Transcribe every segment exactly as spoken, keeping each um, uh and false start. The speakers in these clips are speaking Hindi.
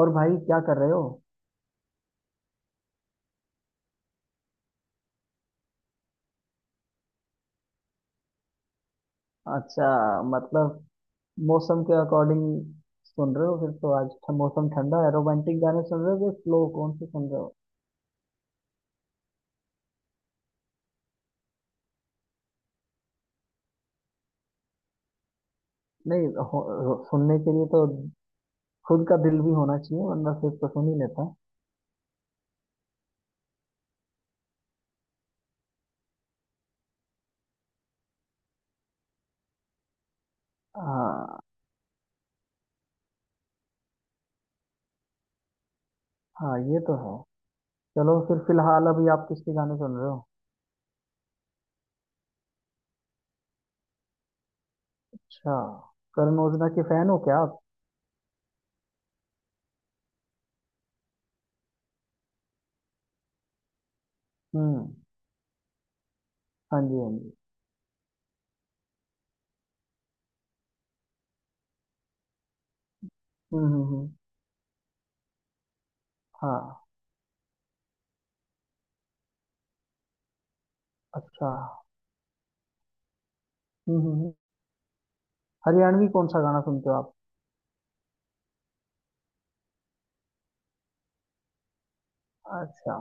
और भाई क्या कर रहे हो? अच्छा, मतलब मौसम के अकॉर्डिंग सुन रहे हो? फिर तो आज ठ- मौसम ठंडा है, रोमांटिक गाने सुन रहे हो कि स्लो, कौन से सुन रहे हो? नहीं हो, हो- सुनने के लिए तो खुद का दिल भी होना चाहिए, वरना फिर तो सुन ही लेता। हाँ। हाँ, ये तो है। चलो फिर फिलहाल अभी आप किसके गाने सुन रहे हो? अच्छा, करण ओजला के फैन हो क्या आप? हम्म। हाँ जी, हाँ जी। हम्म, हम्म, हम्म, हाँ। अच्छा। हम्म, हम्म, हम्म। हरियाणवी कौन सा गाना सुनते हो आप? अच्छा।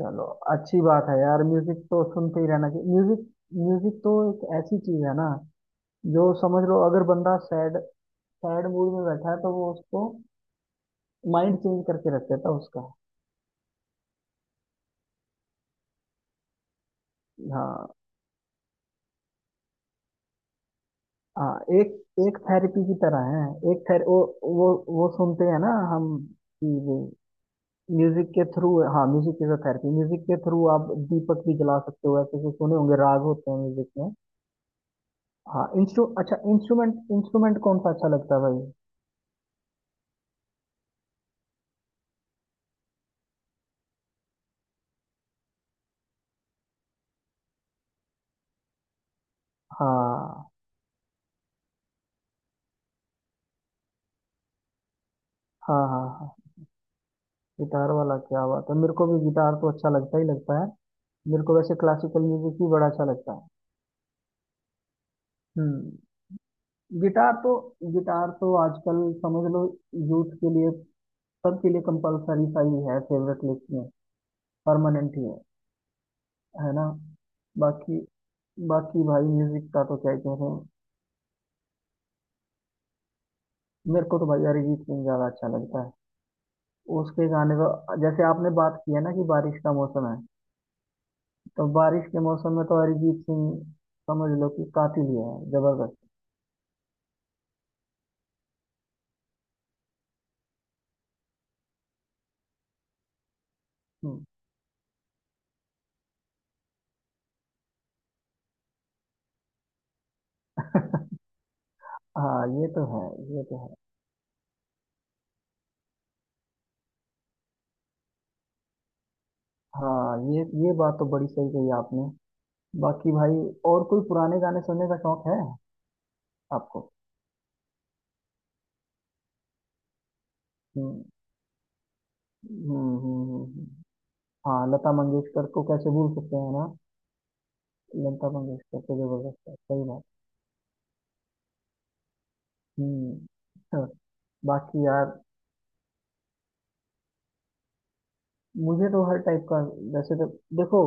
चलो, अच्छी बात है यार, म्यूजिक तो सुनते ही रहना चाहिए। म्यूजिक म्यूजिक तो एक ऐसी चीज है ना, जो समझ लो अगर बंदा सैड सैड मूड में बैठा है तो वो उसको माइंड चेंज करके रख देता है उसका। हाँ। हाँ, एक एक थेरेपी की तरह है। एक थेर वो वो वो सुनते हैं ना हम कि वो म्यूजिक के थ्रू, हाँ, music is a therapy. Music के थ्रू आप दीपक भी जला सकते हो, ऐसे ऐसे सुने होंगे राग होते हैं म्यूजिक में। हाँ इंस्ट्रू अच्छा, इंस्ट्रूमेंट इंस्ट्रूमेंट कौन सा अच्छा लगता है भाई? हाँ, हाँ, हाँ। हाँ, गिटार वाला, क्या बात है, मेरे को भी गिटार तो अच्छा लगता ही लगता है। मेरे को वैसे क्लासिकल म्यूजिक भी बड़ा अच्छा लगता है। हम्म। गिटार तो गिटार तो आजकल समझ लो यूथ के लिए, सबके लिए कंपलसरी सा ही है, फेवरेट लिस्ट में परमानेंट ही है। है ना। बाकी बाकी भाई म्यूजिक का तो क्या ही कह रहे हैं। मेरे को तो भाई अरिजीत सिंह ज्यादा अच्छा लगता है। उसके गाने तो, जैसे आपने बात किया ना कि बारिश का मौसम है, तो बारिश के मौसम में तो अरिजीत सिंह समझ लो कि कातिल ही है, जबरदस्त। हम्म। हाँ, ये तो है। ये तो है। हाँ, ये ये बात तो बड़ी सही कही आपने। बाकी भाई, और कोई पुराने गाने सुनने का शौक है आपको? हम्म, हम्म, हम्म, हम्म। हम्म। हाँ, लता मंगेशकर को कैसे भूल सकते हैं ना। लता मंगेशकर तो जबरदस्त है, सही बात। हम्म। हाँ। बाकी यार, मुझे तो हर टाइप का वैसे तो, देखो,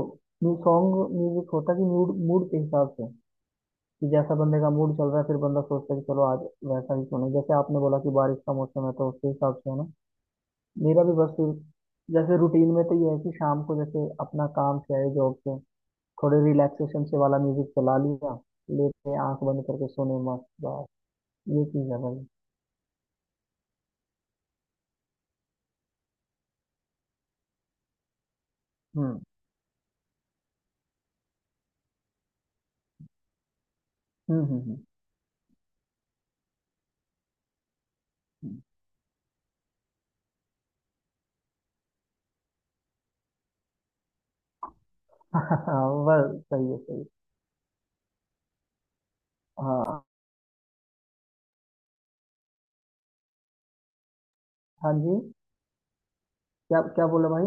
सॉन्ग म्यूजिक होता कि मूड मूड के हिसाब से, कि जैसा बंदे का मूड चल रहा है फिर बंदा सोचता है कि चलो आज वैसा ही सुने। जैसे आपने बोला कि बारिश का मौसम है तो उसके हिसाब से, है ना। मेरा भी बस फिर जैसे रूटीन में तो ये है कि शाम को जैसे अपना काम से आए, जॉब से, थोड़े रिलैक्सेशन से वाला म्यूजिक चला लिया, लेटे आंख बंद करके सोने, मस्त बस। ये चीज़ है भाई। हम्म, हम्म, हम्म, हम्म, हम्म। हाँ, बस सही है, सही है। हाँ। हाँ जी। क्या क्या बोला भाई?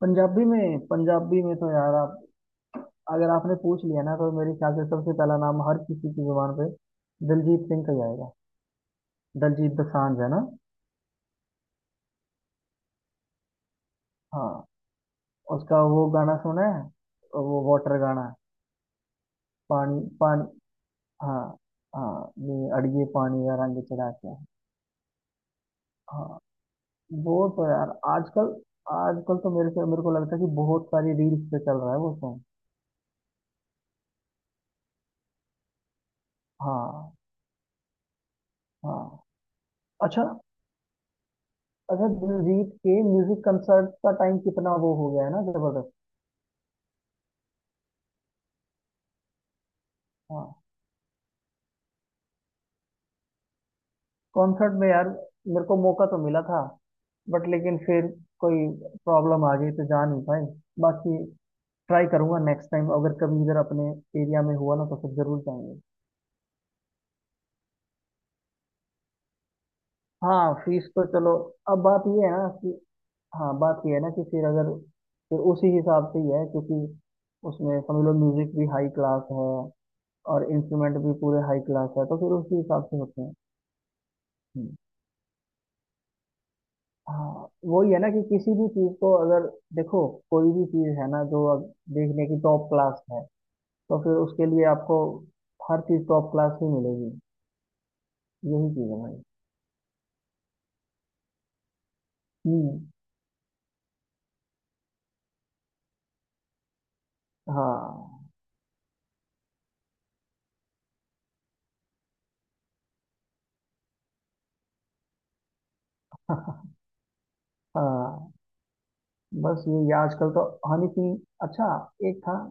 पंजाबी में पंजाबी में तो यार आप, अगर आपने पूछ लिया ना तो मेरे ख्याल से सबसे पहला नाम हर किसी की जुबान पे दिलजीत सिंह का ही आएगा। दिलजीत दोसांझ, है ना। हाँ। उसका वो गाना सुना है, वो वाटर गाना? पानी पानी। हाँ। हाँ ये अड़िए पानी का रंग चढ़ा के। हाँ, वो तो यार आजकल आजकल तो मेरे से मेरे को लगता है कि बहुत सारी रील्स पे चल रहा है वो सॉन्ग। हाँ। हाँ। अच्छा। अच्छा, दिलजीत के म्यूजिक कंसर्ट का टाइम कितना वो हो गया है ना, जबरदस्त। हाँ, कॉन्सर्ट में यार मेरे को मौका तो मिला था, बट लेकिन फिर कोई प्रॉब्लम आ गई तो जा नहीं पाए। बाकी ट्राई करूंगा नेक्स्ट टाइम, अगर कभी इधर अपने एरिया में हुआ ना तो फिर जरूर जाएंगे। हाँ, फीस तो चलो, अब बात ये है ना कि, हाँ, बात ये है ना कि फिर अगर फिर उसी हिसाब से ही है, क्योंकि उसमें समझ लो म्यूजिक भी हाई क्लास है और इंस्ट्रूमेंट भी पूरे हाई क्लास है, तो फिर उसी हिसाब से होते हैं। हम्म। हाँ, वही है ना कि किसी भी चीज को अगर, देखो कोई भी चीज है ना जो अब देखने की टॉप क्लास है, तो फिर उसके लिए आपको हर चीज टॉप क्लास ही मिलेगी। यही चीज है भाई। हम्म। हाँ। हाँ, बस ये ये आजकल तो। हनी सिंह, अच्छा, एक था।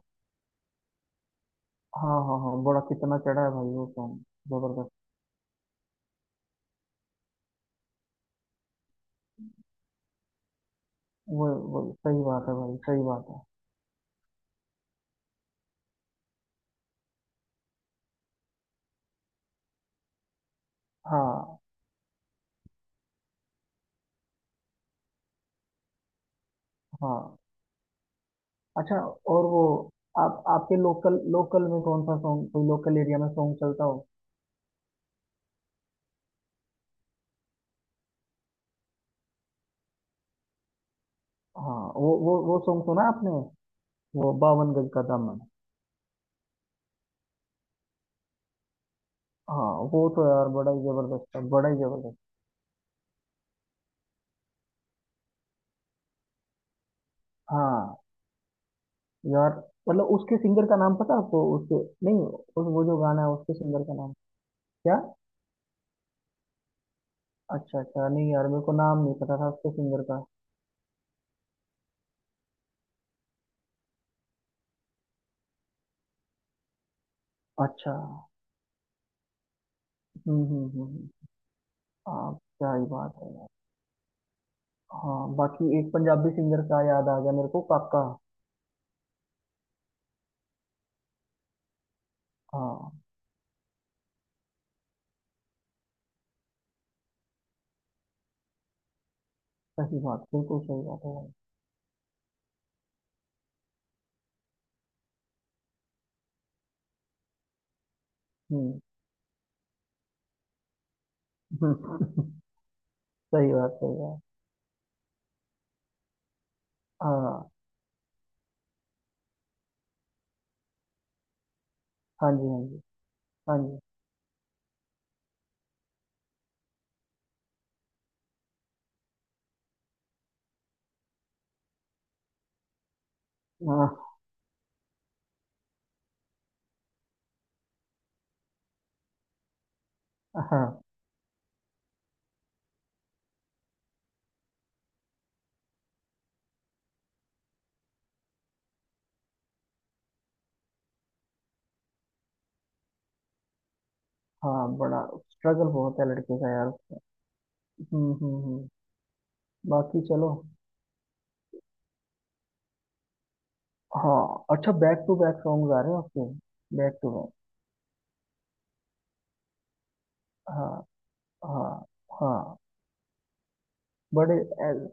हाँ, हाँ, हाँ, बड़ा कितना चढ़ा है भाई वो सॉन्ग, जबरदस्त। वो वो सही बात है भाई, सही बात है। हाँ। हाँ। अच्छा। और वो, आप आपके लोकल लोकल में कौन सा सॉन्ग, कोई लोकल एरिया में सॉन्ग चलता हो? हाँ, वो वो वो सॉन्ग सुना आपने, वो बावन गज का दामन? हाँ, वो तो यार बड़ा ही जबरदस्त था, बड़ा ही जबरदस्त। हाँ यार, मतलब उसके सिंगर का नाम पता है आपको उसके? नहीं उस, वो जो गाना है उसके सिंगर का नाम क्या? अच्छा, अच्छा, नहीं यार मेरे को नाम नहीं पता था उसके सिंगर का। अच्छा। हम्म, हम्म, हम्म, हम्म। हाँ, क्या ही बात है यार। हाँ, बाकी एक पंजाबी सिंगर का याद आ गया मेरे को, काका। हाँ, सही बात, बिल्कुल सही बात है यार। हम्म। सही बात, सही बात। हाँ हाँ जी, हाँ जी। हाँ जी। हाँ, हाँ, हाँ, बड़ा स्ट्रगल बहुत है लड़के का यार। हम्म, हम्म, हम्म। बाकी चलो। हाँ, अच्छा, बैक टू बैक सॉन्ग्स आ रहे हैं आपके, बैक टू बैक। हाँ, हाँ, हाँ। बड़े ऐ-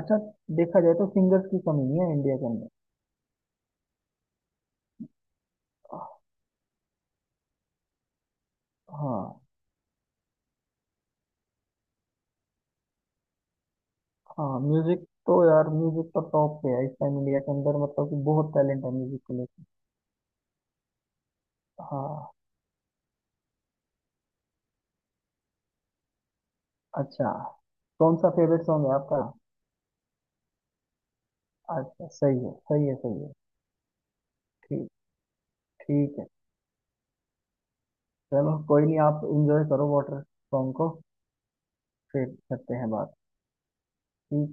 अच्छा, देखा जाए तो सिंगर्स की कमी नहीं है इंडिया के अंदर। हाँ। हाँ, म्यूजिक तो यार, म्यूजिक तो टॉप पे है इस टाइम इंडिया के अंदर, मतलब कि बहुत टैलेंट है म्यूजिक को लेकर। हाँ। अच्छा, कौन सा फेवरेट सॉन्ग है आपका? अच्छा, सही है, सही है, सही है। ठीक, ठीक है। चलो, कोई नहीं, आप इंजॉय करो वाटर सॉन्ग को। फिर करते हैं बात। ठीक है।